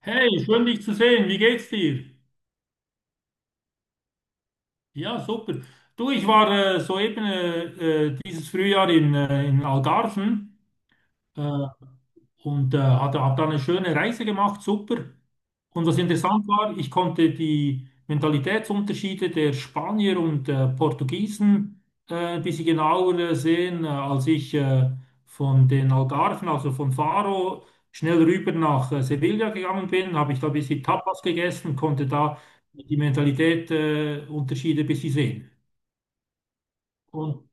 Hey, schön dich zu sehen. Wie geht's dir? Ja, super. Du, ich war soeben dieses Frühjahr in Algarven. Äh, habe da eine schöne Reise gemacht, super. Und was interessant war, ich konnte die Mentalitätsunterschiede der Spanier und Portugiesen ein bisschen genauer sehen, als ich von den Algarven, also von Faro, schnell rüber nach Sevilla gegangen bin, habe ich da ein bisschen Tapas gegessen, konnte da die Mentalität Unterschiede ein bisschen sehen. Und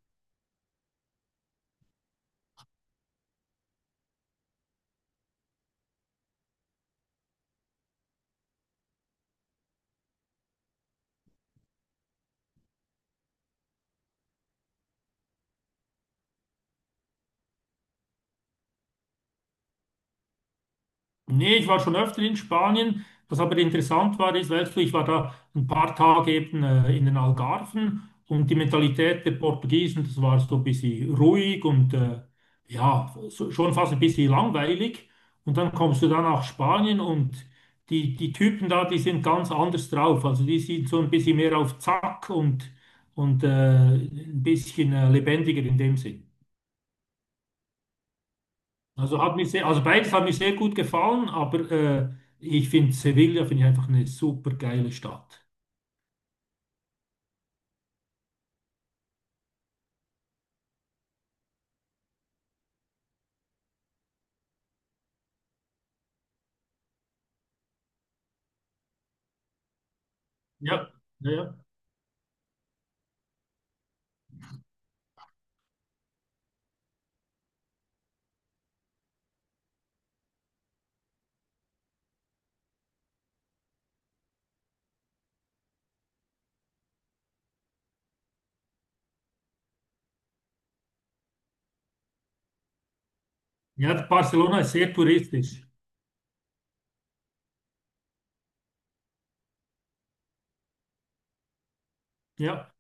nee, ich war schon öfter in Spanien. Was aber interessant war, ist, weißt du, ich war da ein paar Tage eben in den Algarven, und die Mentalität der Portugiesen, das war so ein bisschen ruhig und ja, so, schon fast ein bisschen langweilig. Und dann kommst du dann nach Spanien, und die Typen da, die sind ganz anders drauf. Also die sind so ein bisschen mehr auf Zack, und ein bisschen lebendiger in dem Sinn. Also hat mich sehr, also beides hat mir sehr gut gefallen, aber ich finde, Sevilla finde ich einfach eine super geile Stadt. Ja, ja, ja. Ja, Barcelona ist sehr touristisch. Ja.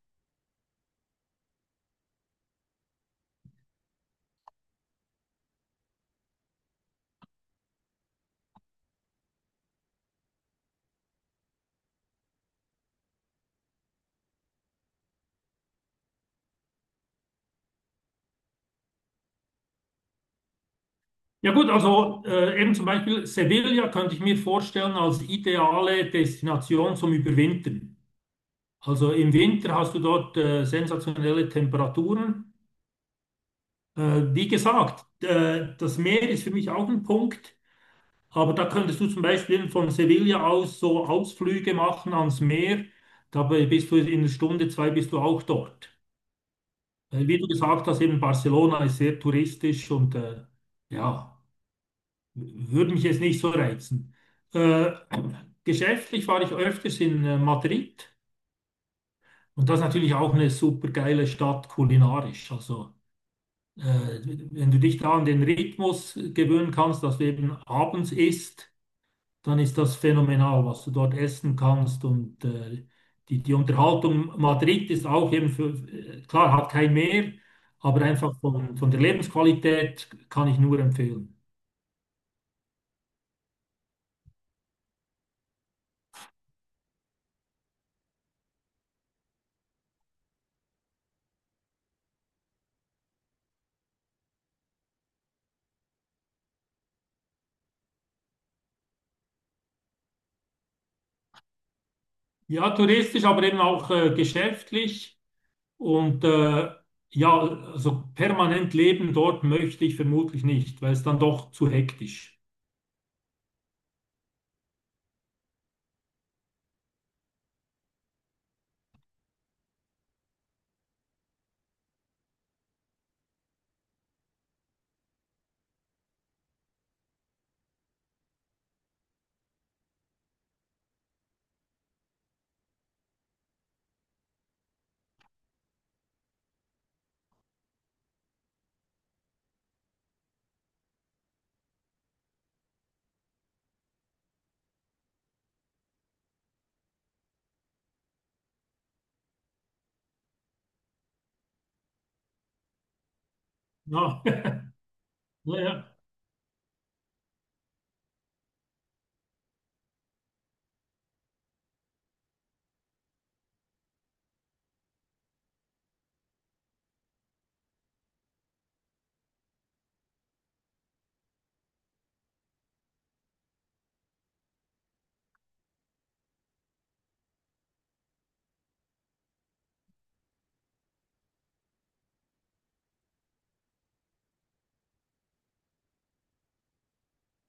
Ja gut, also eben zum Beispiel Sevilla könnte ich mir vorstellen als ideale Destination zum Überwintern. Also im Winter hast du dort sensationelle Temperaturen. Äh, wie gesagt, das Meer ist für mich auch ein Punkt. Aber da könntest du zum Beispiel von Sevilla aus so Ausflüge machen ans Meer. Dabei bist du in einer Stunde, zwei bist du auch dort. Weil wie du gesagt hast, eben Barcelona ist sehr touristisch und ja, würde mich jetzt nicht so reizen. Äh, geschäftlich war ich öfters in Madrid, und das ist natürlich auch eine super geile Stadt kulinarisch. Also äh, wenn du dich da an den Rhythmus gewöhnen kannst, dass du eben abends isst, dann ist das phänomenal, was du dort essen kannst. Und die Unterhaltung Madrid ist auch eben für, klar, hat kein Meer, aber einfach von der Lebensqualität kann ich nur empfehlen. Ja, touristisch, aber eben auch geschäftlich. Und ja, also permanent leben dort möchte ich vermutlich nicht, weil es dann doch zu hektisch. Ja, ja, ja,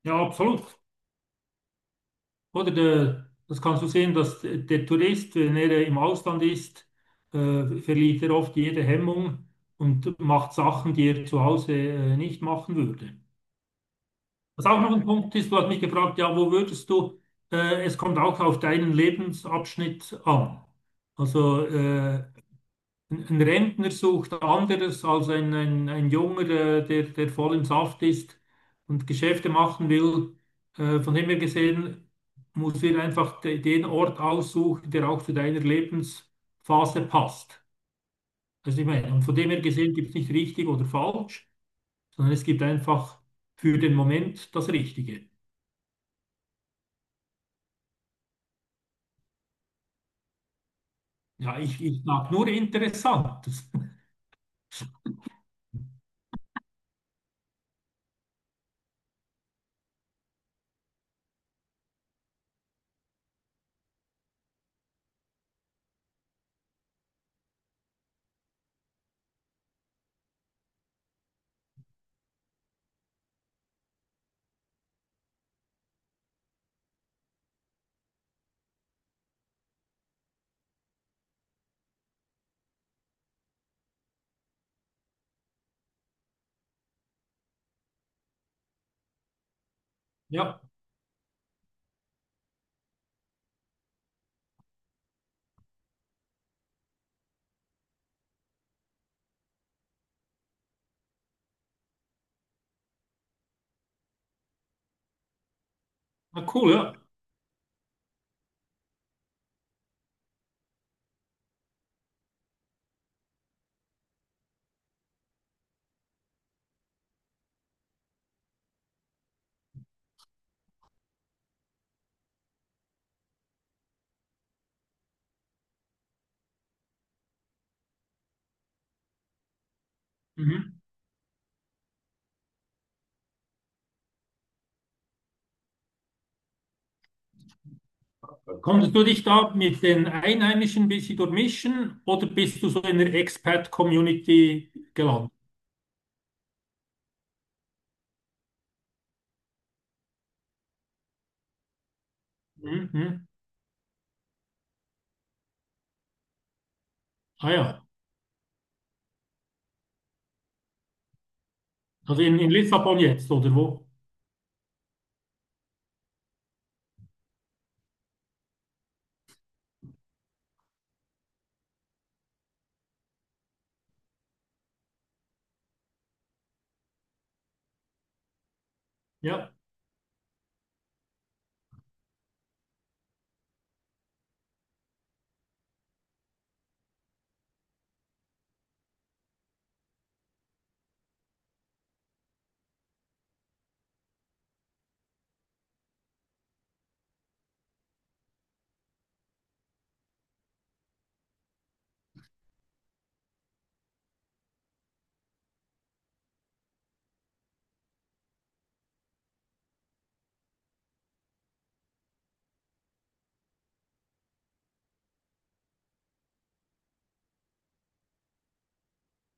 ja, absolut. Oder der, das kannst du sehen, dass der Tourist, wenn er im Ausland ist, verliert er oft jede Hemmung und macht Sachen, die er zu Hause nicht machen würde. Was auch noch ein Punkt ist, du hast mich gefragt, ja, wo würdest du, es kommt auch auf deinen Lebensabschnitt an. Also ein Rentner sucht anderes als ein Junger, der voll im Saft ist und Geschäfte machen will. Von dem her gesehen, musst du dir einfach den Ort aussuchen, der auch zu deiner Lebensphase passt. Also ich meine, und von dem her gesehen gibt es nicht richtig oder falsch, sondern es gibt einfach für den Moment das Richtige. Ja, ich sage nur Interessantes. Ja, na cool, ja. Mhm. Konntest du dich da mit den Einheimischen ein bisschen durchmischen oder bist du so in der Expat-Community gelandet? Mhm. Ah ja, also in Lissabon jetzt oder wo? Ja,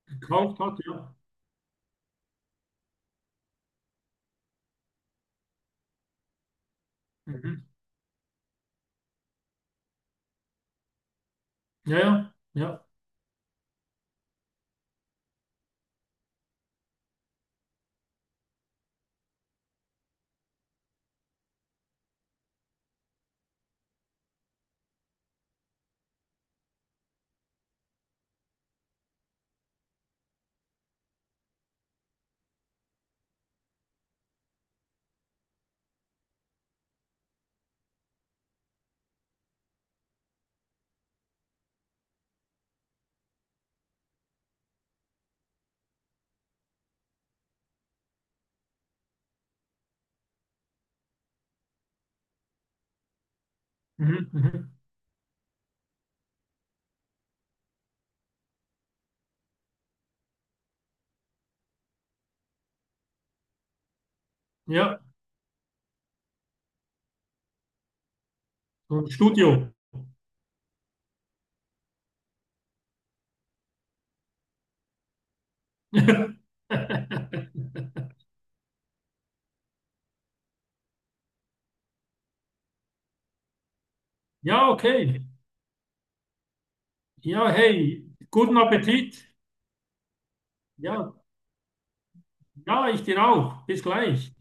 gekauft hat, ja. Mhm. Ja, ja, ja. Mhm. Mhm. Ja, so ein Studio. Ja, okay. Ja, hey, guten Appetit. Ja, ja, ich dir auch. Bis gleich.